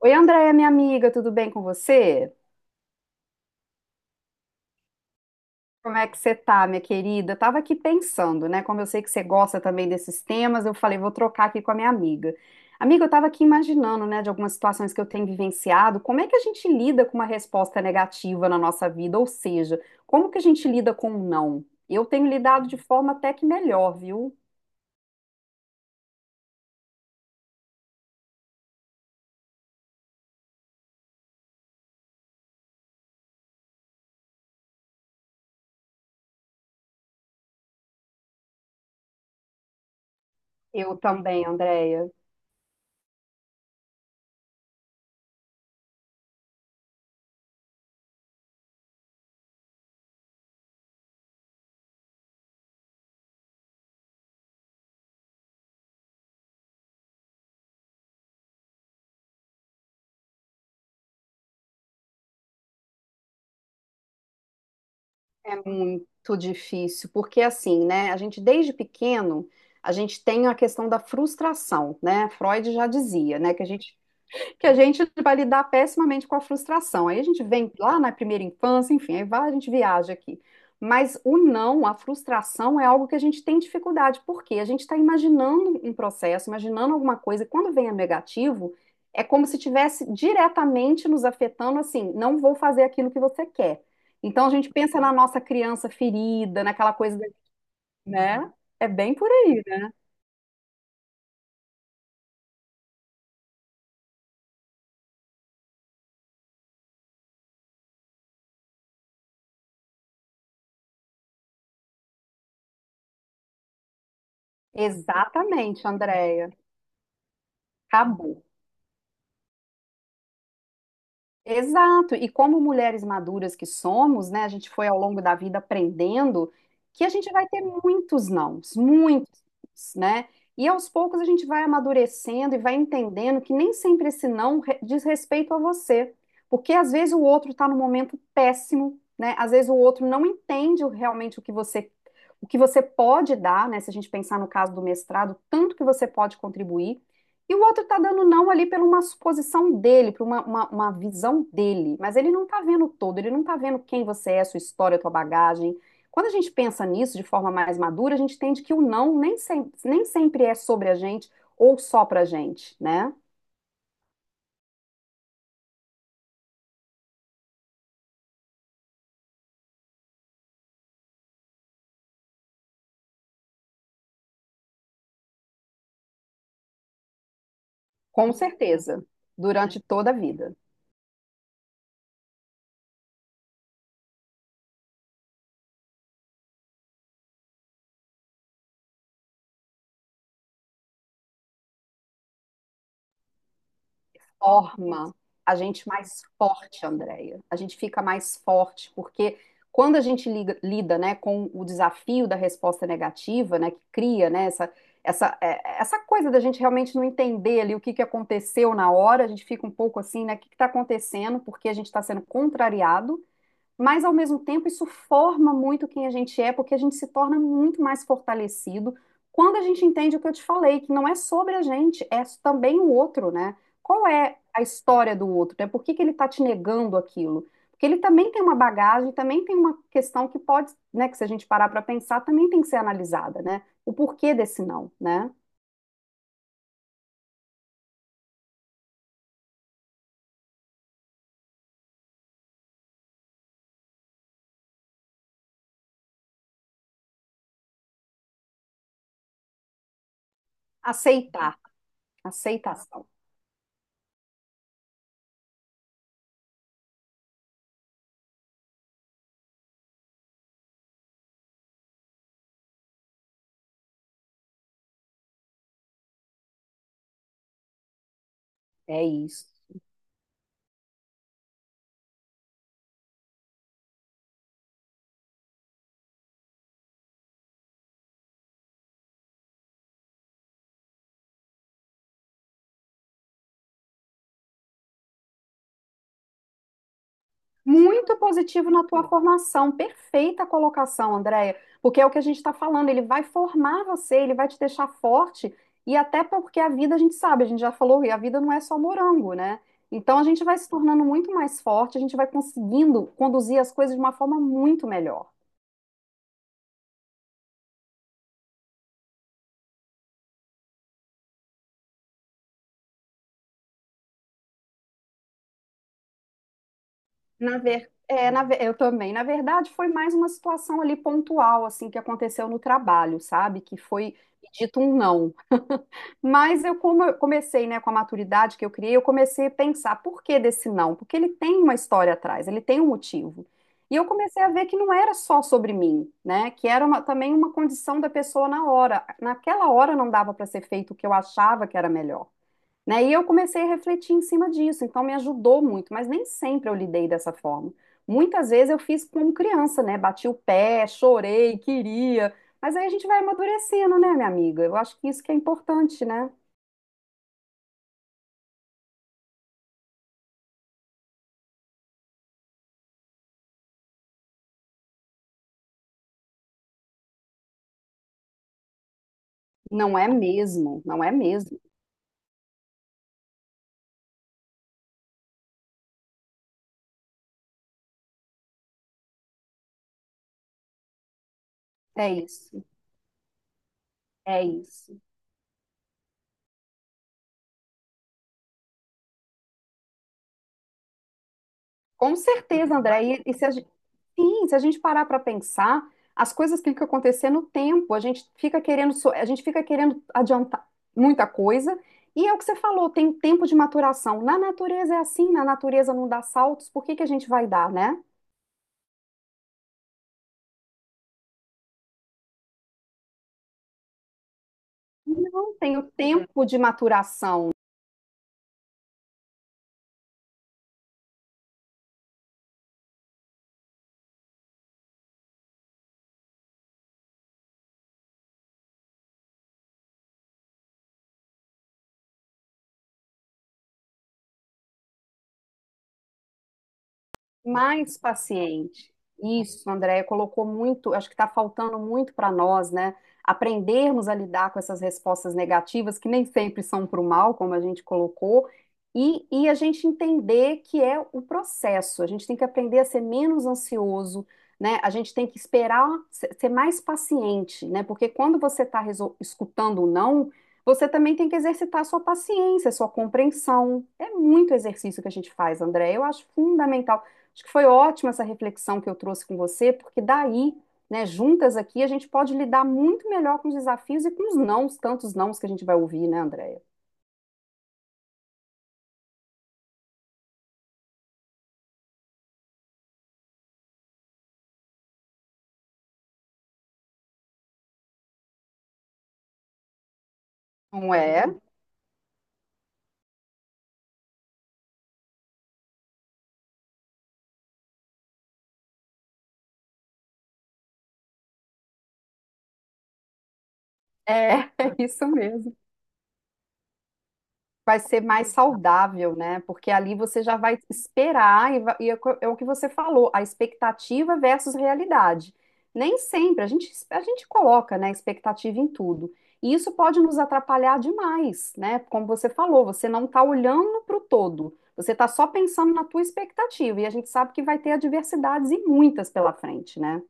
Oi, Andréia, minha amiga, tudo bem com você? Como é que você tá, minha querida? Eu tava aqui pensando, né? Como eu sei que você gosta também desses temas, eu falei, vou trocar aqui com a minha amiga. Amiga, eu tava aqui imaginando, né, de algumas situações que eu tenho vivenciado, como é que a gente lida com uma resposta negativa na nossa vida? Ou seja, como que a gente lida com um não? Eu tenho lidado de forma até que melhor, viu? Eu também, Andréia. Muito difícil, porque assim, né, a gente desde pequeno, a gente tem a questão da frustração, né? Freud já dizia, né, que a gente vai lidar pessimamente com a frustração. Aí a gente vem lá na primeira infância, enfim, aí vai, a gente viaja aqui. Mas o não, a frustração é algo que a gente tem dificuldade, porque a gente está imaginando um processo, imaginando alguma coisa, e quando vem a negativo, é como se tivesse diretamente nos afetando assim, não vou fazer aquilo que você quer. Então a gente pensa na nossa criança ferida, naquela coisa, né? É bem por aí, né? Exatamente, Andréia. Acabou. Exato. E como mulheres maduras que somos, né, a gente foi ao longo da vida aprendendo que a gente vai ter muitos nãos, muitos, né? E aos poucos a gente vai amadurecendo e vai entendendo que nem sempre esse não diz respeito a você, porque às vezes o outro está num momento péssimo, né? Às vezes o outro não entende realmente o que você pode dar, né? Se a gente pensar no caso do mestrado, tanto que você pode contribuir. E o outro está dando não ali pela uma suposição dele, por uma, uma visão dele. Mas ele não está vendo todo, ele não está vendo quem você é, sua história, sua bagagem. Quando a gente pensa nisso de forma mais madura, a gente entende que o não nem sempre, nem sempre é sobre a gente ou só pra gente, né? Com certeza, durante toda a vida. Forma a gente mais forte, Andréia. A gente fica mais forte, porque quando a gente lida, né, com o desafio da resposta negativa, né, que cria, né, essa, essa coisa da gente realmente não entender ali o que que aconteceu na hora, a gente fica um pouco assim, né, o que que está acontecendo, porque a gente está sendo contrariado, mas ao mesmo tempo isso forma muito quem a gente é, porque a gente se torna muito mais fortalecido quando a gente entende o que eu te falei, que não é sobre a gente, é também o outro, né? Qual é a história do outro, né? Por que que ele está te negando aquilo? Porque ele também tem uma bagagem, também tem uma questão que pode, né, que se a gente parar para pensar, também tem que ser analisada, né? O porquê desse não, né? Aceitar, aceitação. É isso. Muito positivo na tua formação, perfeita a colocação, Andréia, porque é o que a gente está falando, ele vai formar você, ele vai te deixar forte, e até porque a vida, a gente sabe, a gente já falou, e a vida não é só morango, né? Então a gente vai se tornando muito mais forte, a gente vai conseguindo conduzir as coisas de uma forma muito melhor. Eu também. Na verdade, foi mais uma situação ali pontual, assim, que aconteceu no trabalho, sabe? Que foi dito um não. Mas eu, como eu comecei, né, com a maturidade que eu criei, eu comecei a pensar por que desse não? Porque ele tem uma história atrás, ele tem um motivo. E eu comecei a ver que não era só sobre mim, né? Que era também uma condição da pessoa na hora. Naquela hora não dava para ser feito o que eu achava que era melhor, né? E eu comecei a refletir em cima disso, então me ajudou muito, mas nem sempre eu lidei dessa forma. Muitas vezes eu fiz como criança, né? Bati o pé, chorei, queria. Mas aí a gente vai amadurecendo, né, minha amiga? Eu acho que isso que é importante, né? Não é mesmo, não é mesmo. É isso, é isso. Com certeza, André. E se a gente, sim, se a gente parar para pensar, as coisas têm que ficam no tempo, a gente fica querendo, a gente fica querendo adiantar muita coisa. E é o que você falou, tem tempo de maturação. Na natureza é assim, na natureza não dá saltos, por que que a gente vai dar, né? Não tem o tempo de maturação. Mais paciente. Isso, Andréia, colocou muito, acho que está faltando muito para nós, né? Aprendermos a lidar com essas respostas negativas, que nem sempre são para o mal, como a gente colocou, e a gente entender que é o processo. A gente tem que aprender a ser menos ansioso, né? A gente tem que esperar ser mais paciente, né? Porque quando você está escutando o não, você também tem que exercitar a sua paciência, a sua compreensão. É muito exercício que a gente faz, Andréia, eu acho fundamental. Acho que foi ótima essa reflexão que eu trouxe com você, porque daí, né, juntas aqui, a gente pode lidar muito melhor com os desafios e com os nãos, tantos nãos que a gente vai ouvir, né, Andréia? Não é? É, é isso mesmo. Vai ser mais saudável, né? Porque ali você já vai esperar, é o que você falou, a expectativa versus realidade. Nem sempre, a gente coloca, né, expectativa em tudo. E isso pode nos atrapalhar demais, né? Como você falou, você não está olhando para o todo, você está só pensando na tua expectativa, e a gente sabe que vai ter adversidades e muitas pela frente, né?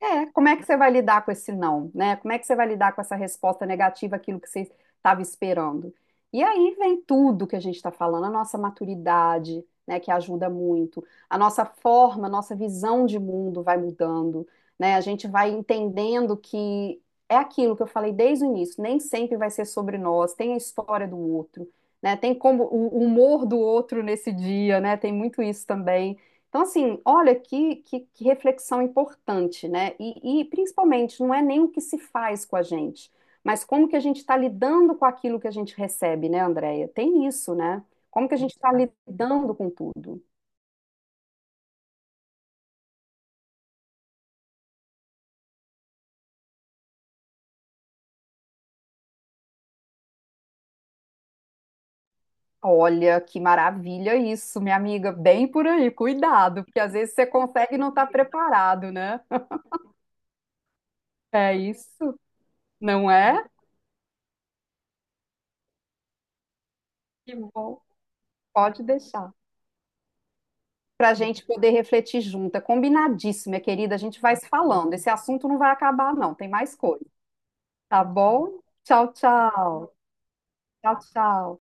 É, como é que você vai lidar com esse não, né? Como é que você vai lidar com essa resposta negativa, aquilo que você estava esperando? E aí vem tudo que a gente está falando, a nossa maturidade, né, que ajuda muito, a nossa forma, a nossa visão de mundo vai mudando, né? A gente vai entendendo que é aquilo que eu falei desde o início, nem sempre vai ser sobre nós, tem a história do outro, né? Tem como o humor do outro nesse dia, né? Tem muito isso também. Então, assim, olha que reflexão importante, né? E principalmente, não é nem o que se faz com a gente, mas como que a gente está lidando com aquilo que a gente recebe, né, Andréia? Tem isso, né? Como que a gente está lidando com tudo? Olha, que maravilha isso, minha amiga. Bem por aí, cuidado, porque às vezes você consegue e não estar preparado, né? É isso, não é? Que bom. Pode deixar. Para a gente poder refletir junta. É combinadíssimo, minha querida. A gente vai se falando. Esse assunto não vai acabar, não. Tem mais coisa, tá bom? Tchau, tchau. Tchau, tchau.